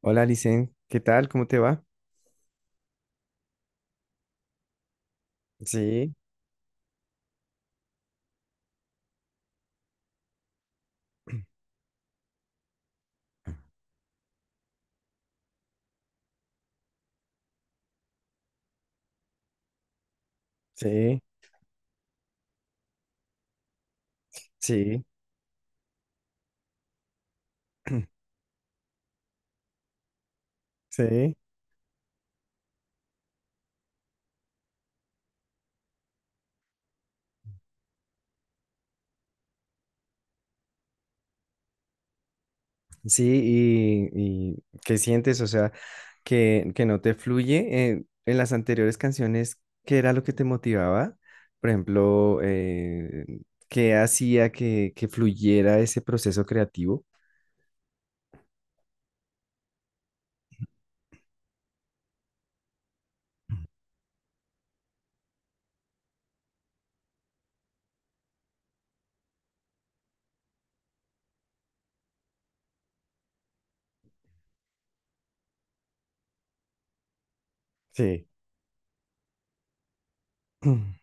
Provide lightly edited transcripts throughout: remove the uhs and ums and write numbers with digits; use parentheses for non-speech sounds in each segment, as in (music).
Hola, Licen, ¿qué tal? ¿Cómo te va? Sí, sí, sí, (clears throat) sí. Sí, y ¿qué sientes? O sea, que no te fluye. En las anteriores canciones, ¿qué era lo que te motivaba? Por ejemplo, ¿qué hacía que fluyera ese proceso creativo? Sí, (clears throat)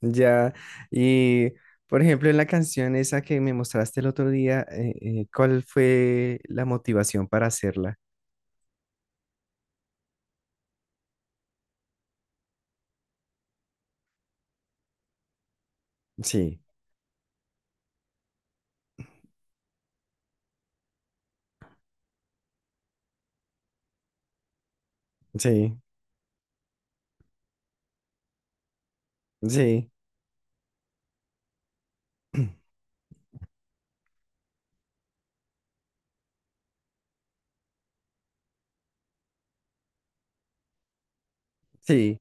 ya, y por ejemplo, en la canción esa que me mostraste el otro día, ¿cuál fue la motivación para hacerla? Sí. Sí, sí, (clears throat) sí.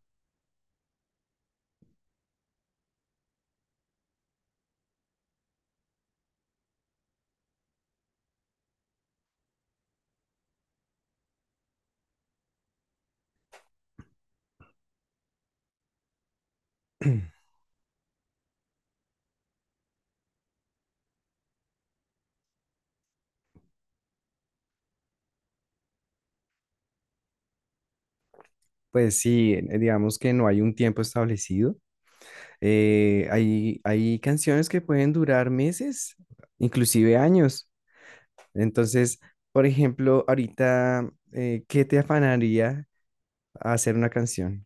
(clears throat) Pues sí, digamos que no hay un tiempo establecido. Hay canciones que pueden durar meses, inclusive años. Entonces, por ejemplo, ahorita, ¿qué te afanaría a hacer una canción?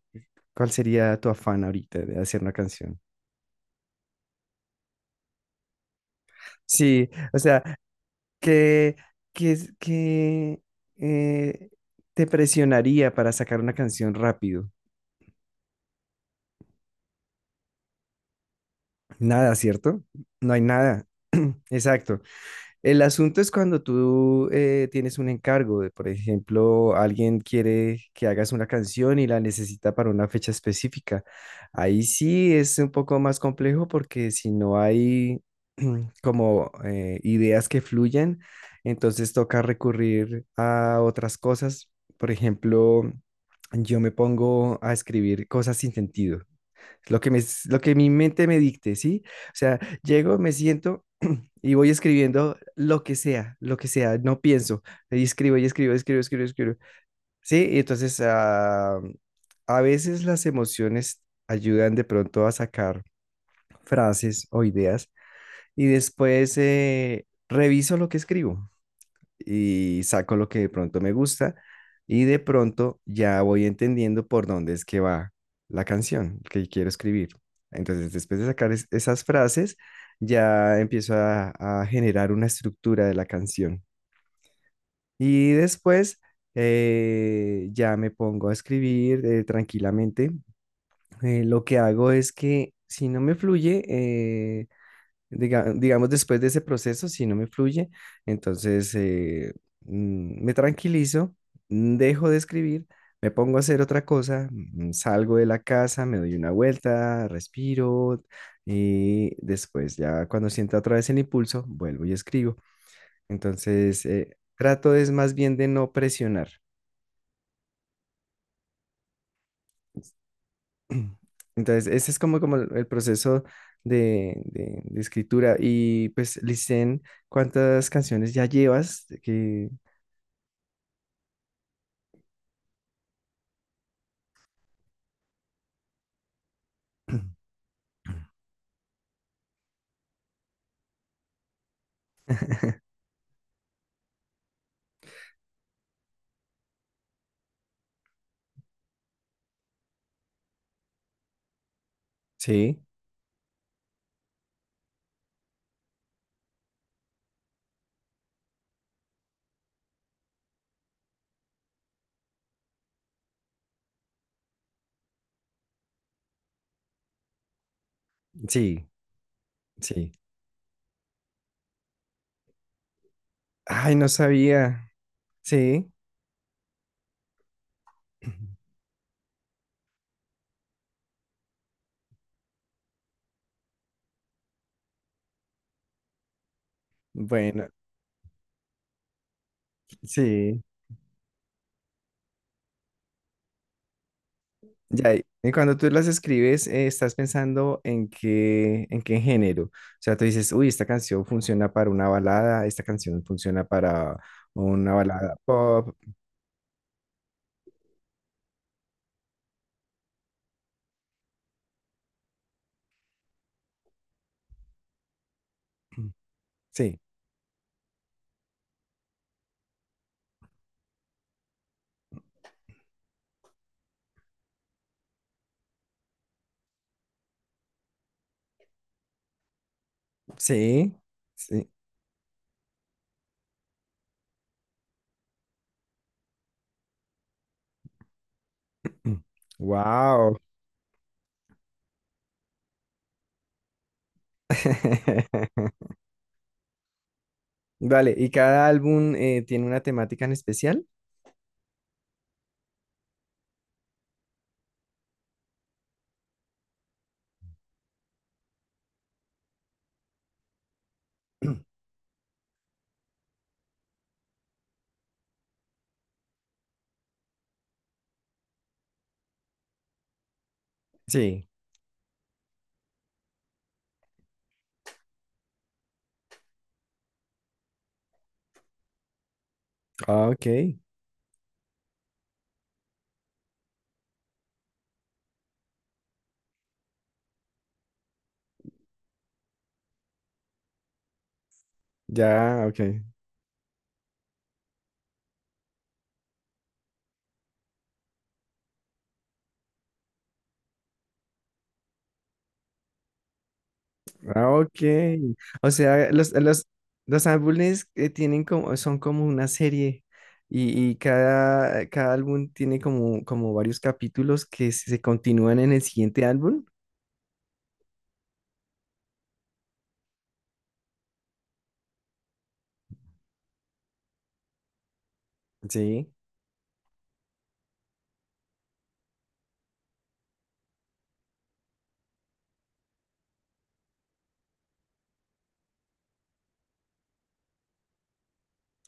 ¿Cuál sería tu afán ahorita de hacer una canción? Sí, o sea, ¿qué, qué, es- qué, eh, te presionaría para sacar una canción rápido? Nada, ¿cierto? No hay nada. Exacto. El asunto es cuando tú tienes un encargo, de, por ejemplo, alguien quiere que hagas una canción y la necesita para una fecha específica. Ahí sí es un poco más complejo porque si no hay (clears throat) como ideas que fluyan, entonces toca recurrir a otras cosas. Por ejemplo, yo me pongo a escribir cosas sin sentido. Lo que me, lo que mi mente me dicte, ¿sí? O sea, llego, me siento y voy escribiendo lo que sea, no pienso. Y escribo, escribo, escribo, escribo. Sí, y entonces a veces las emociones ayudan de pronto a sacar frases o ideas y después reviso lo que escribo y saco lo que de pronto me gusta y de pronto ya voy entendiendo por dónde es que va la canción que quiero escribir. Entonces, después de sacar esas frases, ya empiezo a generar una estructura de la canción. Y después ya me pongo a escribir tranquilamente. Lo que hago es que si no me fluye, digamos, después de ese proceso, si no me fluye, entonces me tranquilizo, dejo de escribir, me pongo a hacer otra cosa, salgo de la casa, me doy una vuelta, respiro y después ya cuando sienta otra vez el impulso, vuelvo y escribo. Entonces, trato es más bien de no presionar. (clears throat) Entonces, ese es como, como el proceso de escritura. Y pues, Licen, ¿cuántas canciones ya llevas? Sí, sí, sí. Ay, no sabía. Sí. Bueno, sí. Ya, y cuando tú las escribes, estás pensando en qué género. O sea, tú dices, uy, esta canción funciona para una balada, esta canción funciona para una balada pop. Sí, sí, sí. Wow. (laughs) Vale, ¿y cada álbum tiene una temática en especial? Sí. Ah, ok, ya, ok. Ah, ok. O sea, los álbumes tienen como, son como una serie y cada, cada álbum tiene como, como varios capítulos que se continúan en el siguiente álbum. Sí,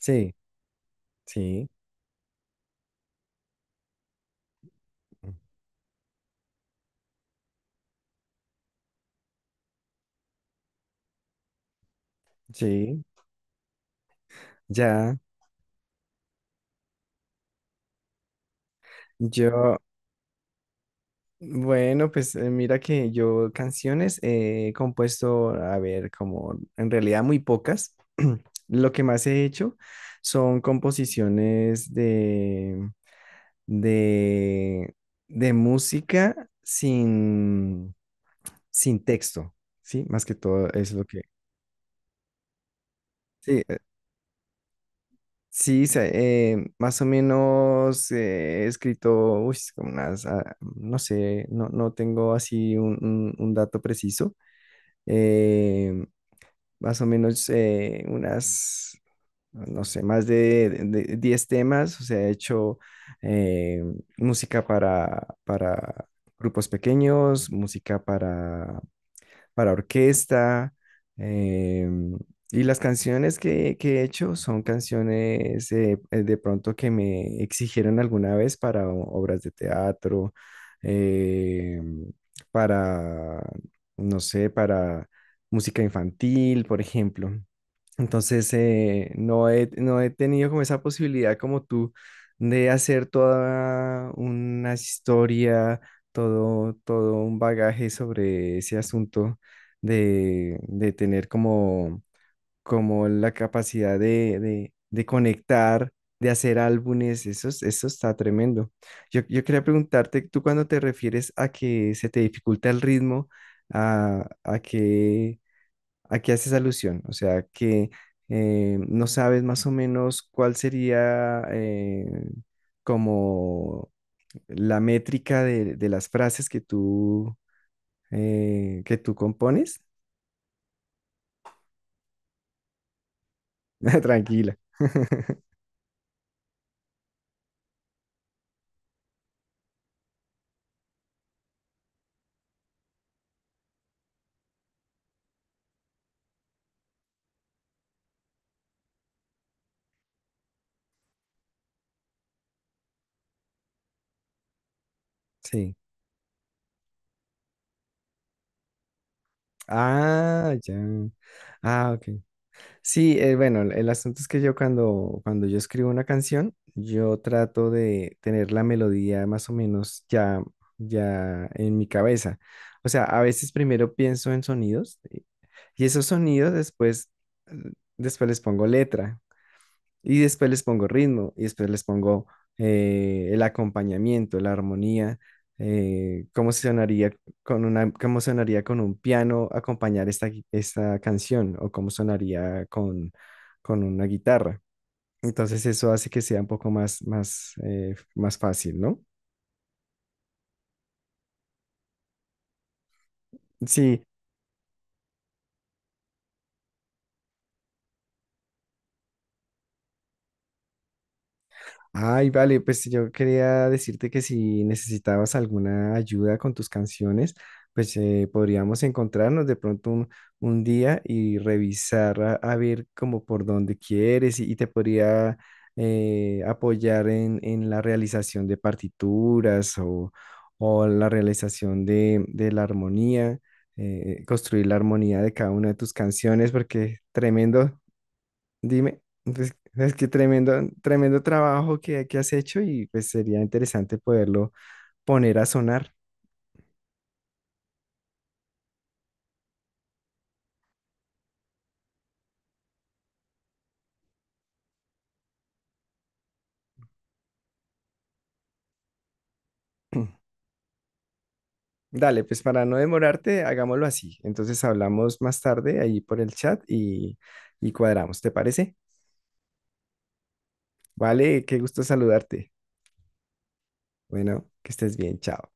sí, sí, sí, ya. Yo, bueno, pues mira que yo canciones he compuesto, a ver, como en realidad muy pocas. (clears throat) Lo que más he hecho son composiciones de, de música sin, sin texto, ¿sí? Más que todo es lo que... Sí, más o menos he escrito, uy, es como unas, no sé, no, no tengo así un, un dato preciso, eh, más o menos unas, no sé, más de, de 10 temas, o sea, he hecho eh, música para grupos pequeños, música para orquesta. eh, y las canciones que he hecho son canciones de pronto que me exigieron alguna vez para obras de teatro, eh, para, no sé, para música infantil, por ejemplo. Entonces, no he, no he tenido como esa posibilidad como tú de hacer toda una historia, todo, todo un bagaje sobre ese asunto, de tener como, como la capacidad de conectar, de hacer álbumes. Eso, eso está tremendo. Yo quería preguntarte, tú cuando te refieres a que se te dificulta el ritmo, a, a qué ¿a qué haces alusión? O sea, que no sabes más o menos cuál sería como la métrica de las frases que tú compones. (laughs) Tranquila. (laughs) Sí. Ah, ya. Ah, ok. Sí, bueno, el asunto es que yo cuando, cuando yo escribo una canción, yo trato de tener la melodía más o menos ya, ya en mi cabeza. O sea, a veces primero pienso en sonidos y esos sonidos después, eh, después les pongo letra. Y después les pongo ritmo, y después les pongo el acompañamiento, la armonía, cómo sonaría con una, cómo sonaría con un piano acompañar esta, esta canción, o cómo sonaría con una guitarra. Entonces eso hace que sea un poco más, más, más fácil, ¿no? Sí, ay, vale, pues yo quería decirte que si necesitabas alguna ayuda con tus canciones, pues podríamos encontrarnos de pronto un día y revisar a ver como por dónde quieres y te podría apoyar en la realización de partituras o la realización de la armonía, construir la armonía de cada una de tus canciones, porque tremendo. Dime, pues, es que tremendo, tremendo trabajo que has hecho y pues sería interesante poderlo poner a sonar. (clears throat) Dale, pues para no demorarte, hagámoslo así. Entonces hablamos más tarde ahí por el chat y cuadramos, ¿te parece? Vale, qué gusto saludarte. Bueno, que estés bien, chao.